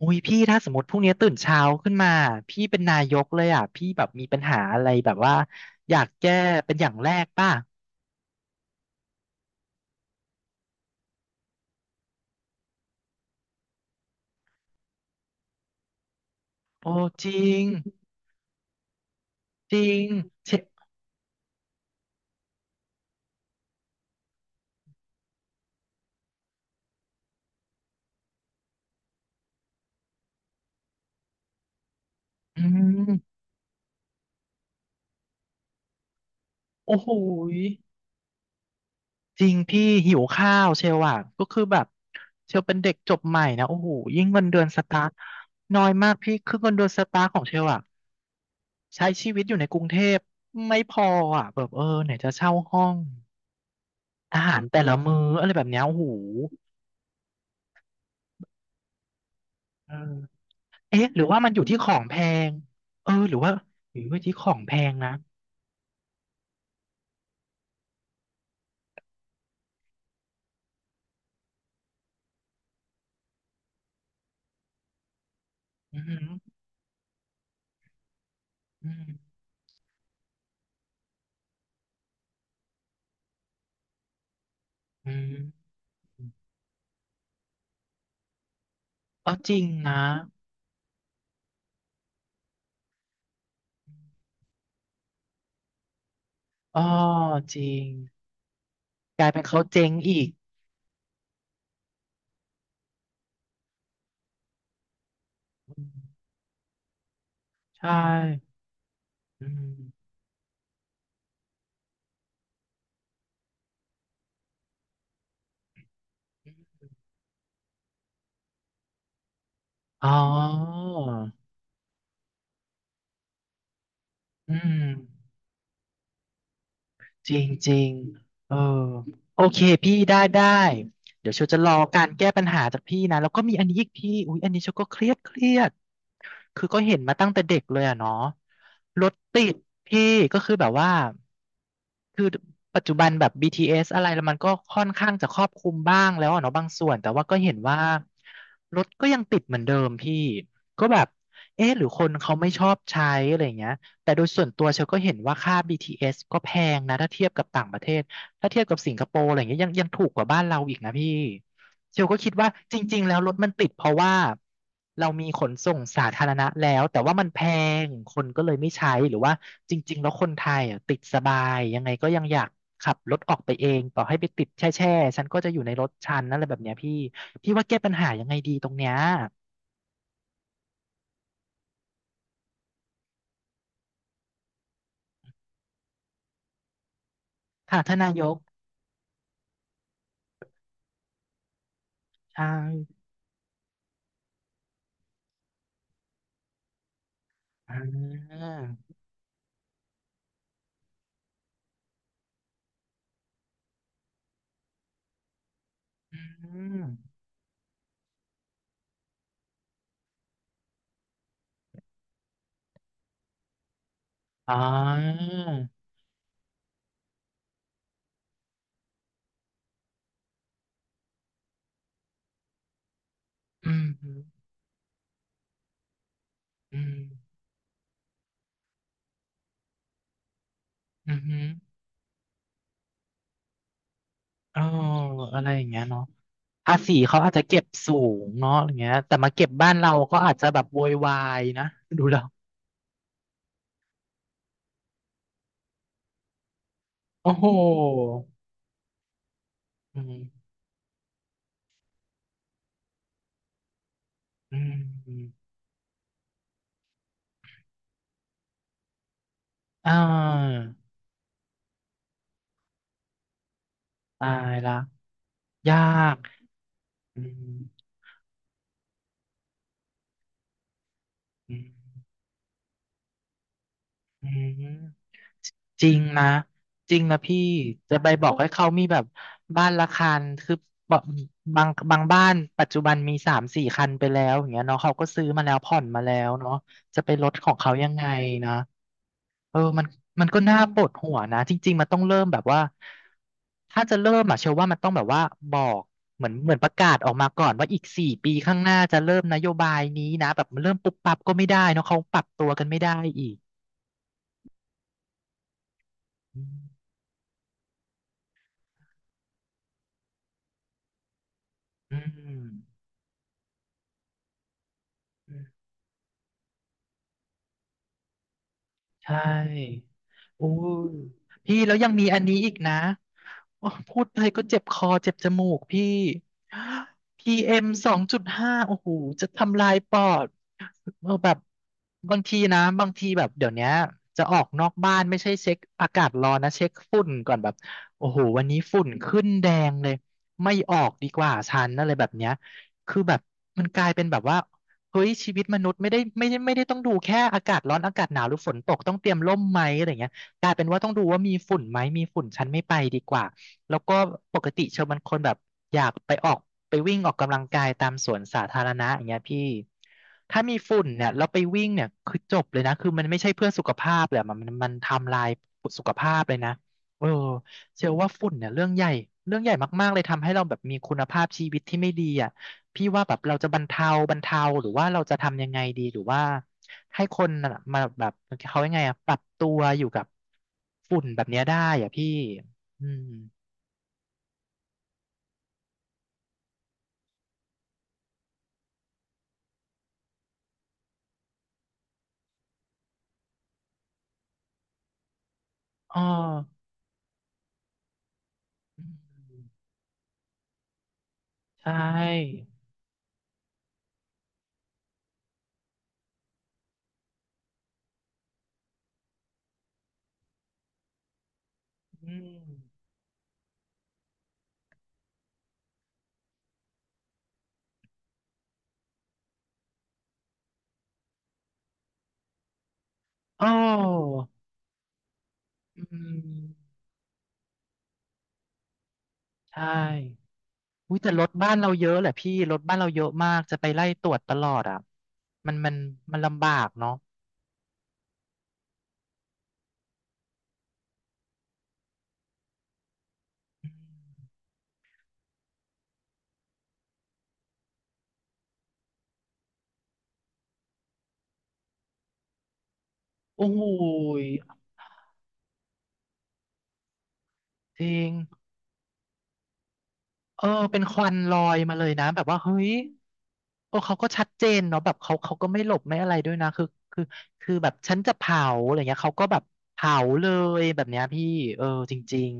อุ้ยพี่ถ้าสมมติพรุ่งนี้ตื่นเช้าขึ้นมาพี่เป็นนายกเลยอ่ะพี่แบบมีปัญหาอะไรแบบว่าอยากแก้เป็นอย่างแรกป่ะโอ้จริงจริงเชอืมโอ้โหยจริงพี่หิวข้าวเชลอ่ะก็คือแบบเชลเป็นเด็กจบใหม่นะโอ้โหยิ่งเงินเดือนสตาร์ทน้อยมากพี่คือเงินเดือนสตาร์ทของเชลอ่ะใช้ชีวิตอยู่ในกรุงเทพไม่พออ่ะแบบเออไหนจะเช่าห้องอาหารแต่ละมื้ออะไรแบบเนี้ยโอ้โห เอ๊ะหรือว่ามันอยู่ที่ของแพงเออหรือว่าหรือว่าที่ของแพงนะอืมอืมอืมเออจริงนะอ๋อจริงกลายเป็นเขาเจ๊งอีกอืมใช่อืมอ๋ออืม จริงจริงเออโอเคพี่ได้เดี๋ยวเชลจะรอการแก้ปัญหาจากพี่นะแล้วก็มีอันนี้อีกพี่อุ๊ยอันนี้เชลก็เครียดคือก็เห็นมาตั้งแต่เด็กเลยอะเนาะรถติดพี่ก็คือแบบว่าคือปัจจุบันแบบ BTS อสอะไรแล้วมันก็ค่อนข้างจะครอบคลุมบ้างแล้วอะเนาะบางส่วนแต่ว่าก็เห็นว่ารถก็ยังติดเหมือนเดิมพี่ก็แบบเอ๊ะหรือคนเขาไม่ชอบใช้อะไรอย่างเงี้ย แต่โดยส่วนตัวเชลก็เห็นว่าค่า BTS ก็แพงนะถ้าเทียบกับต่างประเทศ ถ้าเทียบกับสิงคโปร์อะไรอย่างเงี้ยยังถูกกว่าบ้านเราอีกนะพี่เชลก็คิดว่าจริงๆแล้วรถมันติดเพราะว่าเรามีขนส่งสาธารณะแล้วแต่ว่ามันแพงคนก็เลยไม่ใช้หรือว่าจริงๆแล้วคนไทยอ่ะติดสบายยังไงก็ยังอยากขับรถออกไปเองต่อให้ไปติดแช่ฉันก็จะอยู่ในรถฉันนั่นแหละแบบเนี้ยพี่พี่ว่าแก้ปัญหายังไงดีตรงเนี้ยค่ะท่านนายกใช่อ่าอืม อ๋ออืมอืมอืมอืมเอออะไรอย่างเงี้ยเนาะภาษีเขาอาจจะเก็บสูงเนาะอย่างเงี้ยแต่มาเก็บบ้านเราก็อาจจะแบบโวยวายนะ ดูแล้วโอ้โหอืมอืมอืมอ่าตายละยากอืมอืมอืม จริงนะจริงนะพี่จะไปบอกให้เขามีแบบบ้านละคันคือบอกบางบ้านปัจจุบันมีสามสี่คันไปแล้วอย่างเงี้ยเนาะเขาก็ซื้อมาแล้วผ่อนมาแล้วเนาะจะไปลดของเขายังไงนะเออมันก็น่าปวดหัวนะจริงๆมันต้องเริ่มแบบว่าถ้าจะเริ่มอะเชื่อว่ามันต้องแบบว่าบอกเหมือนประกาศออกมาก่อนว่าอีกสี่ปีข้างหน้าจะเริ่มนโยบายนี้นะแบบเริ่มปุ๊บปั๊บก็ไม่ได้เนาะเขาปรับตัวกันไม่ได้อีกอืมอืม ใช่โอ้ยพี่แล้วยังมีอันนี้อีกนะ โอ้พูดไปก็เจ็บคอเจ็บจมูกพี่ PM 2.5โอ้โหจะทำลายปอดเออแบบบางทีนะบางทีแบบเดี๋ยวเนี้ยจะออกนอกบ้านไม่ใช่เช็คอากาศร้อนนะเช็คฝุ่นก่อนแบบโอ้โหวันนี้ฝุ่นขึ้นแดงเลยไม่ออกดีกว่าฉันอะไรแบบเนี้ยคือแบบมันกลายเป็นแบบว่าเฮ้ยชีวิตมนุษย์ไม่ได้ต้องดูแค่อากาศร้อนอากาศหนาวหรือฝนตกต้องเตรียมร่มไหมอะไรเงี้ยกลายเป็นว่าต้องดูว่ามีฝุ่นไหมมีฝุ่นฉันไม่ไปดีกว่า แล้วก็ปกติเชลเป็นคนแบบอยากไปออกไปวิ่งออกกำลังกายตามสวนสาธารณะอย่างเงี้ยพี่ถ้ามีฝุ่นเนี่ยแล้วไปวิ่งเนี่ยคือจบเลยนะคือมันไม่ใช่เพื่อสุขภาพเลยอะมันทำลายสุขภาพเลยนะเออเชื่อว่าฝุ่นเนี่ยเรื่องใหญ่เรื่องใหญ่มากๆเลยทำให้เราแบบมีคุณภาพชีวิตที่ไม่ดีอ่ะพี่ว่าแบบเราจะบรรเทาหรือว่าเราจะทำยังไงดีหรือว่าให้คนน่ะมาแบบเขายังไงอ่ะปรับตัวอยู่กับฝุ่นแบบเนี้ยได้อ่ะพี่อืม อ๋อใช่อืมอ๋ออืมใช่อุ้ยแต่รถบ้านเราเยอะแหละพี่รถบ้านเราเยอะมากจะไปไล่ตรวจตลอดอ่ะมันมันมันลำบากเนาะโอ้โหจริง เออเป็นควันลอยมาเลยนะแบบว่าเฮ้ยโอ้เขาก็ชัดเจนเนาะแบบเขาก็ไม่หลบไม่อะไรด้วยนะคือคือแบบฉันจะเผาอะไรเงี้ยเขาก็แบบเผาเลยแบบเนี้ยพี่เออจริง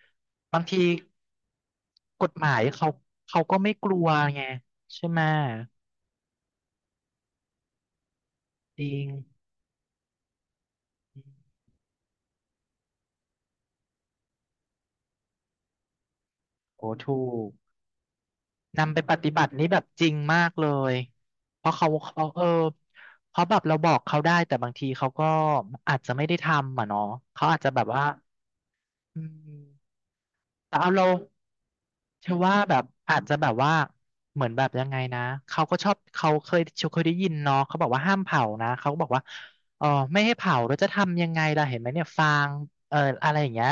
ๆบางทีกฎหมายเขาก็ไม่กลัวไงใช่ไหมยจริงโอ้ถูก นำไปปฏิบัตินี้แบบจริงมากเลย เพราะเขาเออเพราะแบบเราบอกเขาได้แต่บางทีเขาก็อาจจะไม่ได้ทำอ่ะเนาะเขาอาจจะแบบว่าอืมแต่เอาเรา เชื่อว่าแบบอาจจะแบบว่าเหมือนแบบยังไงนะเขาก็ชอบเขาเคยได้ยินเนาะเขาบอกว่าห้ามเผานะเขาก็บอกว่าเออไม่ให้เผาแล้วจะทำยังไงล่ะเห็นไหมเนี่ยฟางเอออะไรอย่างเงี้ย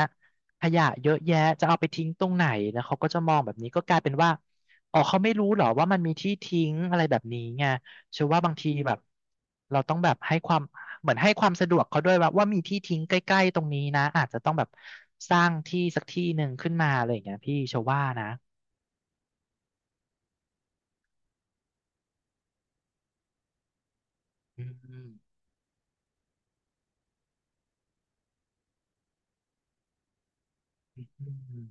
ขยะเยอะแยะจะเอาไปทิ้งตรงไหนนะเขาก็จะมองแบบนี้ก็กลายเป็นว่าอ๋อเขาไม่รู้เหรอว่ามันมีที่ทิ้งอะไรแบบนี้ไงเชื่อว่าบางทีแบบเราต้องแบบให้ความเหมือนให้ความสะดวกเขาด้วยว่ามีที่ทิ้งใกล้ๆตรงนี้นะอาจจะต้องแบบสร้างที่สักที่หนึ่งขึ้นมาอะไรอย่างเงี้ยพี่เชื่อว่านะ อืมอืม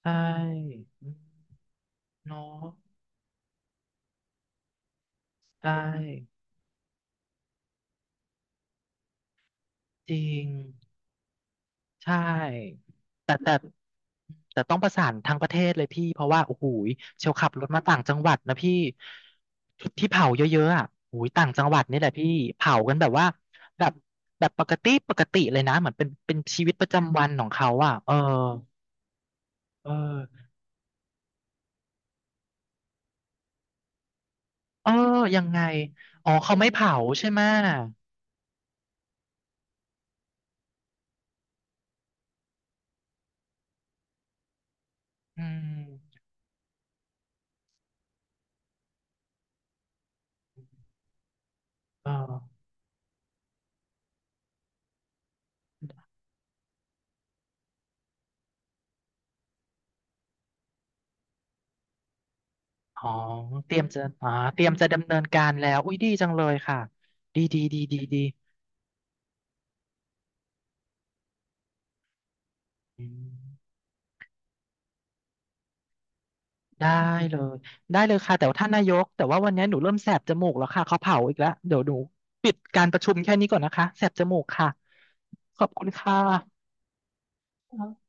ใช่อืมเนาะใช่จริงใช่แต่แต่แต่ต้องประสานทางประเทศเลยพี่เพราะว่าโอ้โหยเชลขับรถมาต่างจังหวัดนะพี่จุดที่เผาเยอะๆอ่ะโอ้ยต่างจังหวัดนี่แหละพี่เผากันแบบว่าแบบแบบปกติเลยนะเหมือนเป็นชีวิตประจำวันของเขาอ่ะเออเออเออยังไงอ๋อเขาไม่เผาใช่ไหมะอืมเออ อ๋อเตรียมจะอ่าเตรียมจะดำเนินการแล้วอุ้ยดีจังเลยค่ะดีดีดีดีดีอืมได้เลยได้เลยค่ะแต่ว่าท่านนายกแต่ว่าวันนี้หนูเริ่มแสบจมูกแล้วค่ะเขาเผาอีกแล้วเดี๋ยวหนูปิดการประชุมแค่นี้ก่อนนะคะแสบจมูกค่ะขอบคุณค่ะ